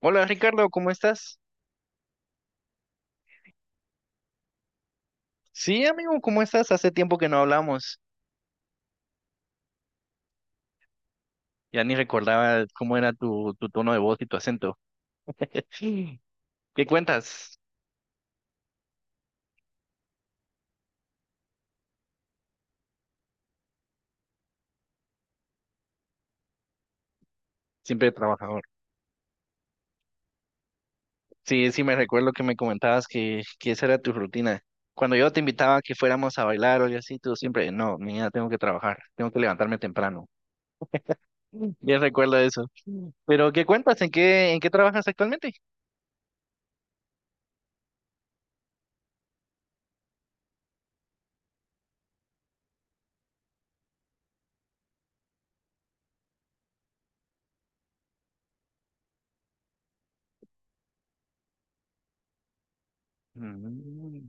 Hola, Ricardo, ¿cómo estás? Sí, amigo, ¿cómo estás? Hace tiempo que no hablamos. Ya ni recordaba cómo era tu tono de voz y tu acento. Sí. ¿Qué cuentas? Siempre trabajador. Sí, sí, me recuerdo que me comentabas que esa era tu rutina. Cuando yo te invitaba a que fuéramos a bailar o algo así, tú siempre, no, mira, tengo que trabajar, tengo que levantarme temprano. Mm. Bien recuerdo eso. Mm. Pero ¿qué cuentas? ¿En qué trabajas actualmente? Mm,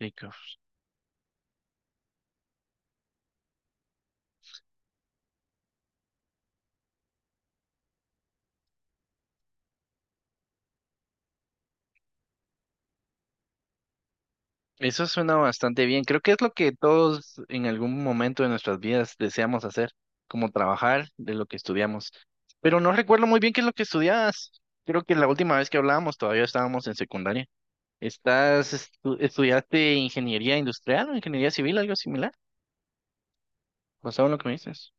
rico. Eso suena bastante bien. Creo que es lo que todos en algún momento de nuestras vidas deseamos hacer, como trabajar de lo que estudiamos. Pero no recuerdo muy bien qué es lo que estudiabas. Creo que la última vez que hablábamos todavía estábamos en secundaria. Estudiaste ingeniería industrial o ingeniería civil, algo similar? Basado en lo que me dices.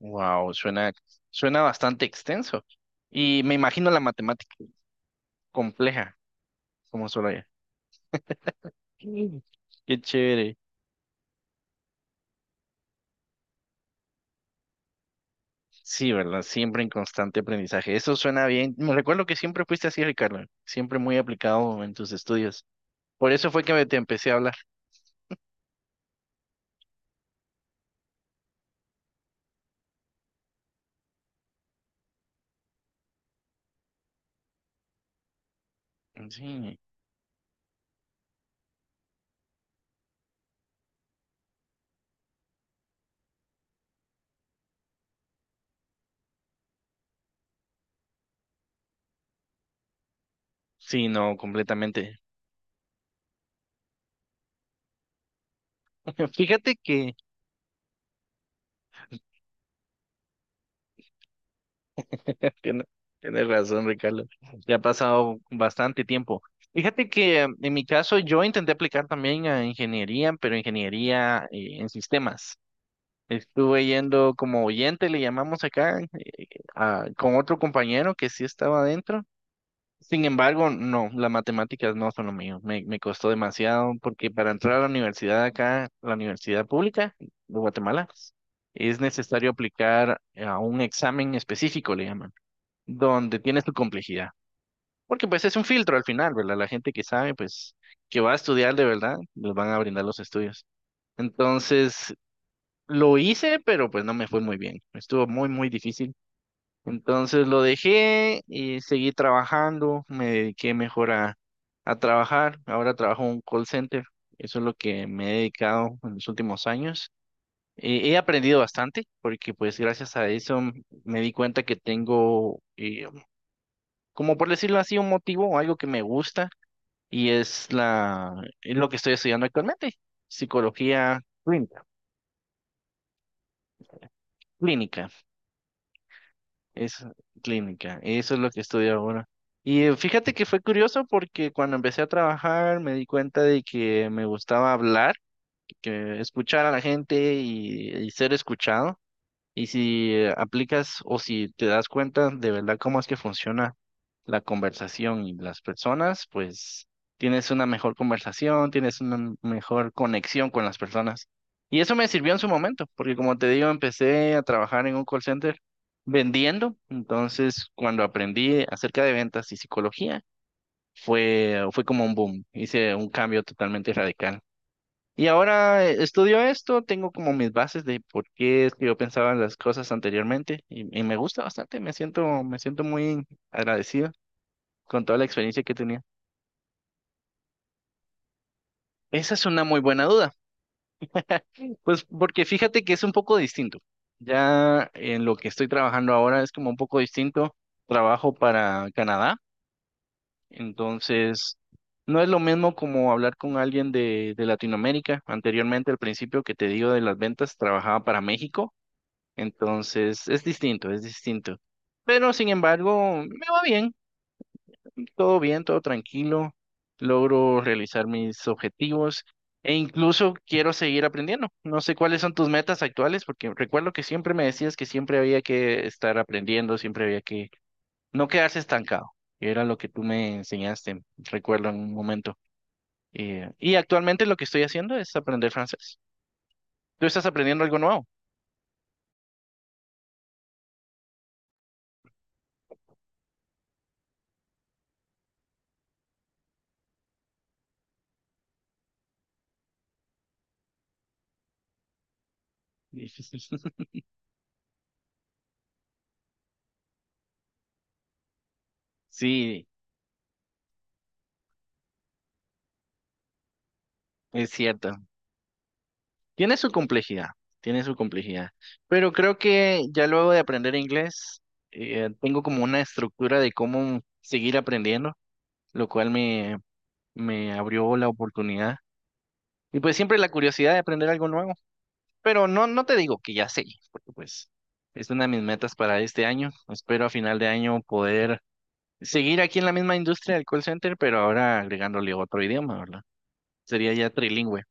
Wow, suena suena bastante extenso. Y me imagino la matemática compleja, como solo ella. Mm. Qué chévere. Sí, ¿verdad? Siempre en constante aprendizaje. Eso suena bien. Me recuerdo que siempre fuiste así, Ricardo. Siempre muy aplicado en tus estudios. Por eso fue que me te empecé a hablar. Sí, sí, no, completamente. Fíjate que... Tienes tienes razón, Ricardo. Ya ha pasado bastante tiempo. Fíjate que en mi caso yo intenté aplicar también a ingeniería, pero ingeniería en sistemas. Estuve yendo como oyente, le llamamos acá, con otro compañero que sí estaba adentro. Sin embargo, no, las matemáticas no son lo mío. Me costó demasiado porque para entrar a la universidad acá, la universidad pública de Guatemala, es necesario aplicar a un examen específico, le llaman, donde tienes tu complejidad. Porque pues es un filtro al final, ¿verdad? La gente que sabe, pues, que va a estudiar de verdad, les van a brindar los estudios. Entonces, lo hice, pero pues no me fue muy bien. Estuvo muy, muy difícil. Entonces lo dejé y seguí trabajando, me dediqué mejor a trabajar. Ahora trabajo en un call center. Eso es lo que me he dedicado en los últimos años. He aprendido bastante porque pues gracias a eso me di cuenta que tengo, como por decirlo así, un motivo o algo que me gusta y es lo que estoy estudiando actualmente, psicología clínica. Clínica. Es clínica, eso es lo que estudio ahora. Y fíjate que fue curioso porque cuando empecé a trabajar me di cuenta de que me gustaba hablar, que escuchar a la gente y ser escuchado. Y si aplicas o si te das cuenta de verdad cómo es que funciona la conversación y las personas, pues tienes una mejor conversación, tienes una mejor conexión con las personas. Y eso me sirvió en su momento, porque como te digo, empecé a trabajar en un call center vendiendo. Entonces, cuando aprendí acerca de ventas y psicología, fue como un boom. Hice un cambio totalmente radical. Y ahora estudio esto, tengo como mis bases de por qué es que yo pensaba en las cosas anteriormente y me gusta bastante, me siento muy agradecido con toda la experiencia que tenía. Esa es una muy buena duda, pues porque fíjate que es un poco distinto. Ya en lo que estoy trabajando ahora es como un poco distinto. Trabajo para Canadá, entonces no es lo mismo como hablar con alguien de Latinoamérica. Anteriormente, al principio que te digo de las ventas, trabajaba para México. Entonces, es distinto, es distinto. Pero sin embargo, me va bien, todo tranquilo. Logro realizar mis objetivos e incluso quiero seguir aprendiendo. No sé cuáles son tus metas actuales, porque recuerdo que siempre me decías que siempre había que estar aprendiendo, siempre había que no quedarse estancado. Que Era lo que tú me enseñaste, recuerdo en un momento. Y actualmente lo que estoy haciendo es aprender francés. ¿Tú estás aprendiendo algo nuevo? Sí, es cierto. Tiene su complejidad, tiene su complejidad, pero creo que ya luego de aprender inglés, tengo como una estructura de cómo seguir aprendiendo, lo cual me abrió la oportunidad. Y pues siempre la curiosidad de aprender algo nuevo, pero no, no te digo que ya sé, porque pues es una de mis metas para este año. Espero a final de año poder seguir aquí en la misma industria del call center, pero ahora agregándole otro idioma, ¿verdad? Sería ya trilingüe.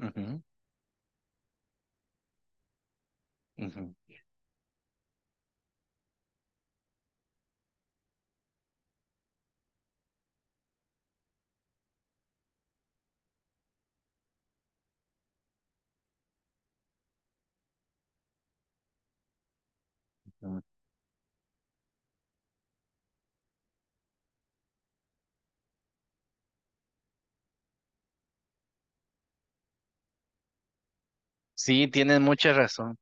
Ujú, ujú, ujú. Sí, tienes mucha razón.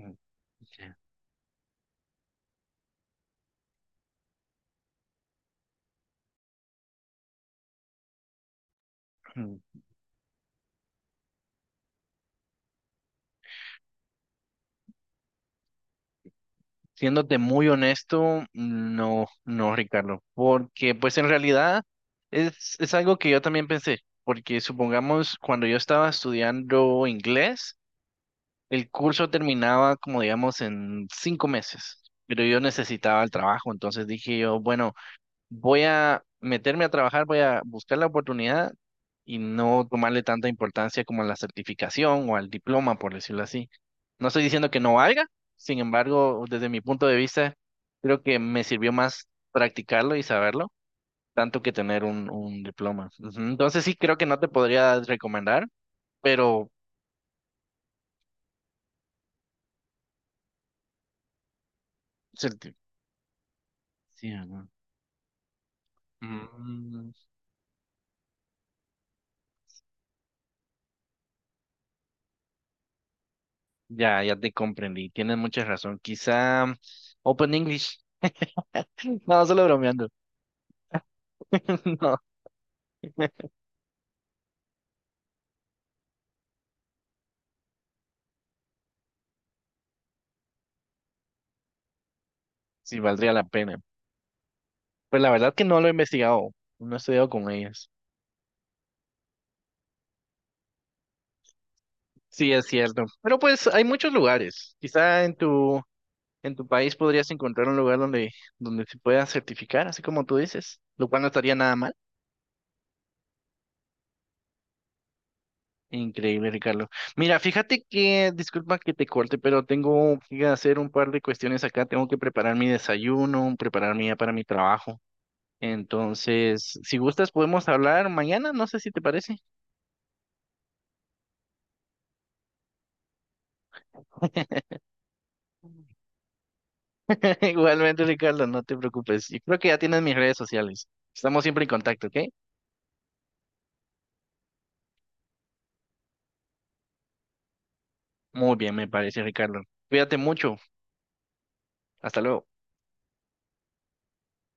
Mm. Mm. Siéndote muy honesto, no, no, Ricardo, porque pues en realidad es algo que yo también pensé, porque supongamos cuando yo estaba estudiando inglés, el curso terminaba como digamos en 5 meses, pero yo necesitaba el trabajo, entonces dije yo, bueno, voy a meterme a trabajar, voy a buscar la oportunidad y no tomarle tanta importancia como a la certificación o al diploma, por decirlo así. No estoy diciendo que no valga, sin embargo, desde mi punto de vista, creo que me sirvió más practicarlo y saberlo, tanto que tener un diploma. Ujú. Entonces sí, creo que no te podría recomendar, pero... certi- sí, ajá. Mm, ya, ya te comprendí, tienes mucha razón. Quizá Open English. No, solo bromeando. No. Sí, valdría la pena. Pues la verdad que no lo he investigado, no he estudiado con ellas. Sí, es cierto. Pero pues hay muchos lugares. Quizá en en tu país podrías encontrar un lugar donde se pueda certificar, así como tú dices, lo cual no estaría nada mal. Increíble, Ricardo. Mira, fíjate que, disculpa que te corte, pero tengo que hacer un par de cuestiones acá. Tengo que preparar mi desayuno, prepararme ya para mi trabajo. Entonces, si gustas, podemos hablar mañana, no sé si te parece. Igualmente, Ricardo, no te preocupes. Yo creo que ya tienes mis redes sociales. Estamos siempre en contacto, ¿ok? Muy bien, me parece, Ricardo. Cuídate mucho. Hasta luego.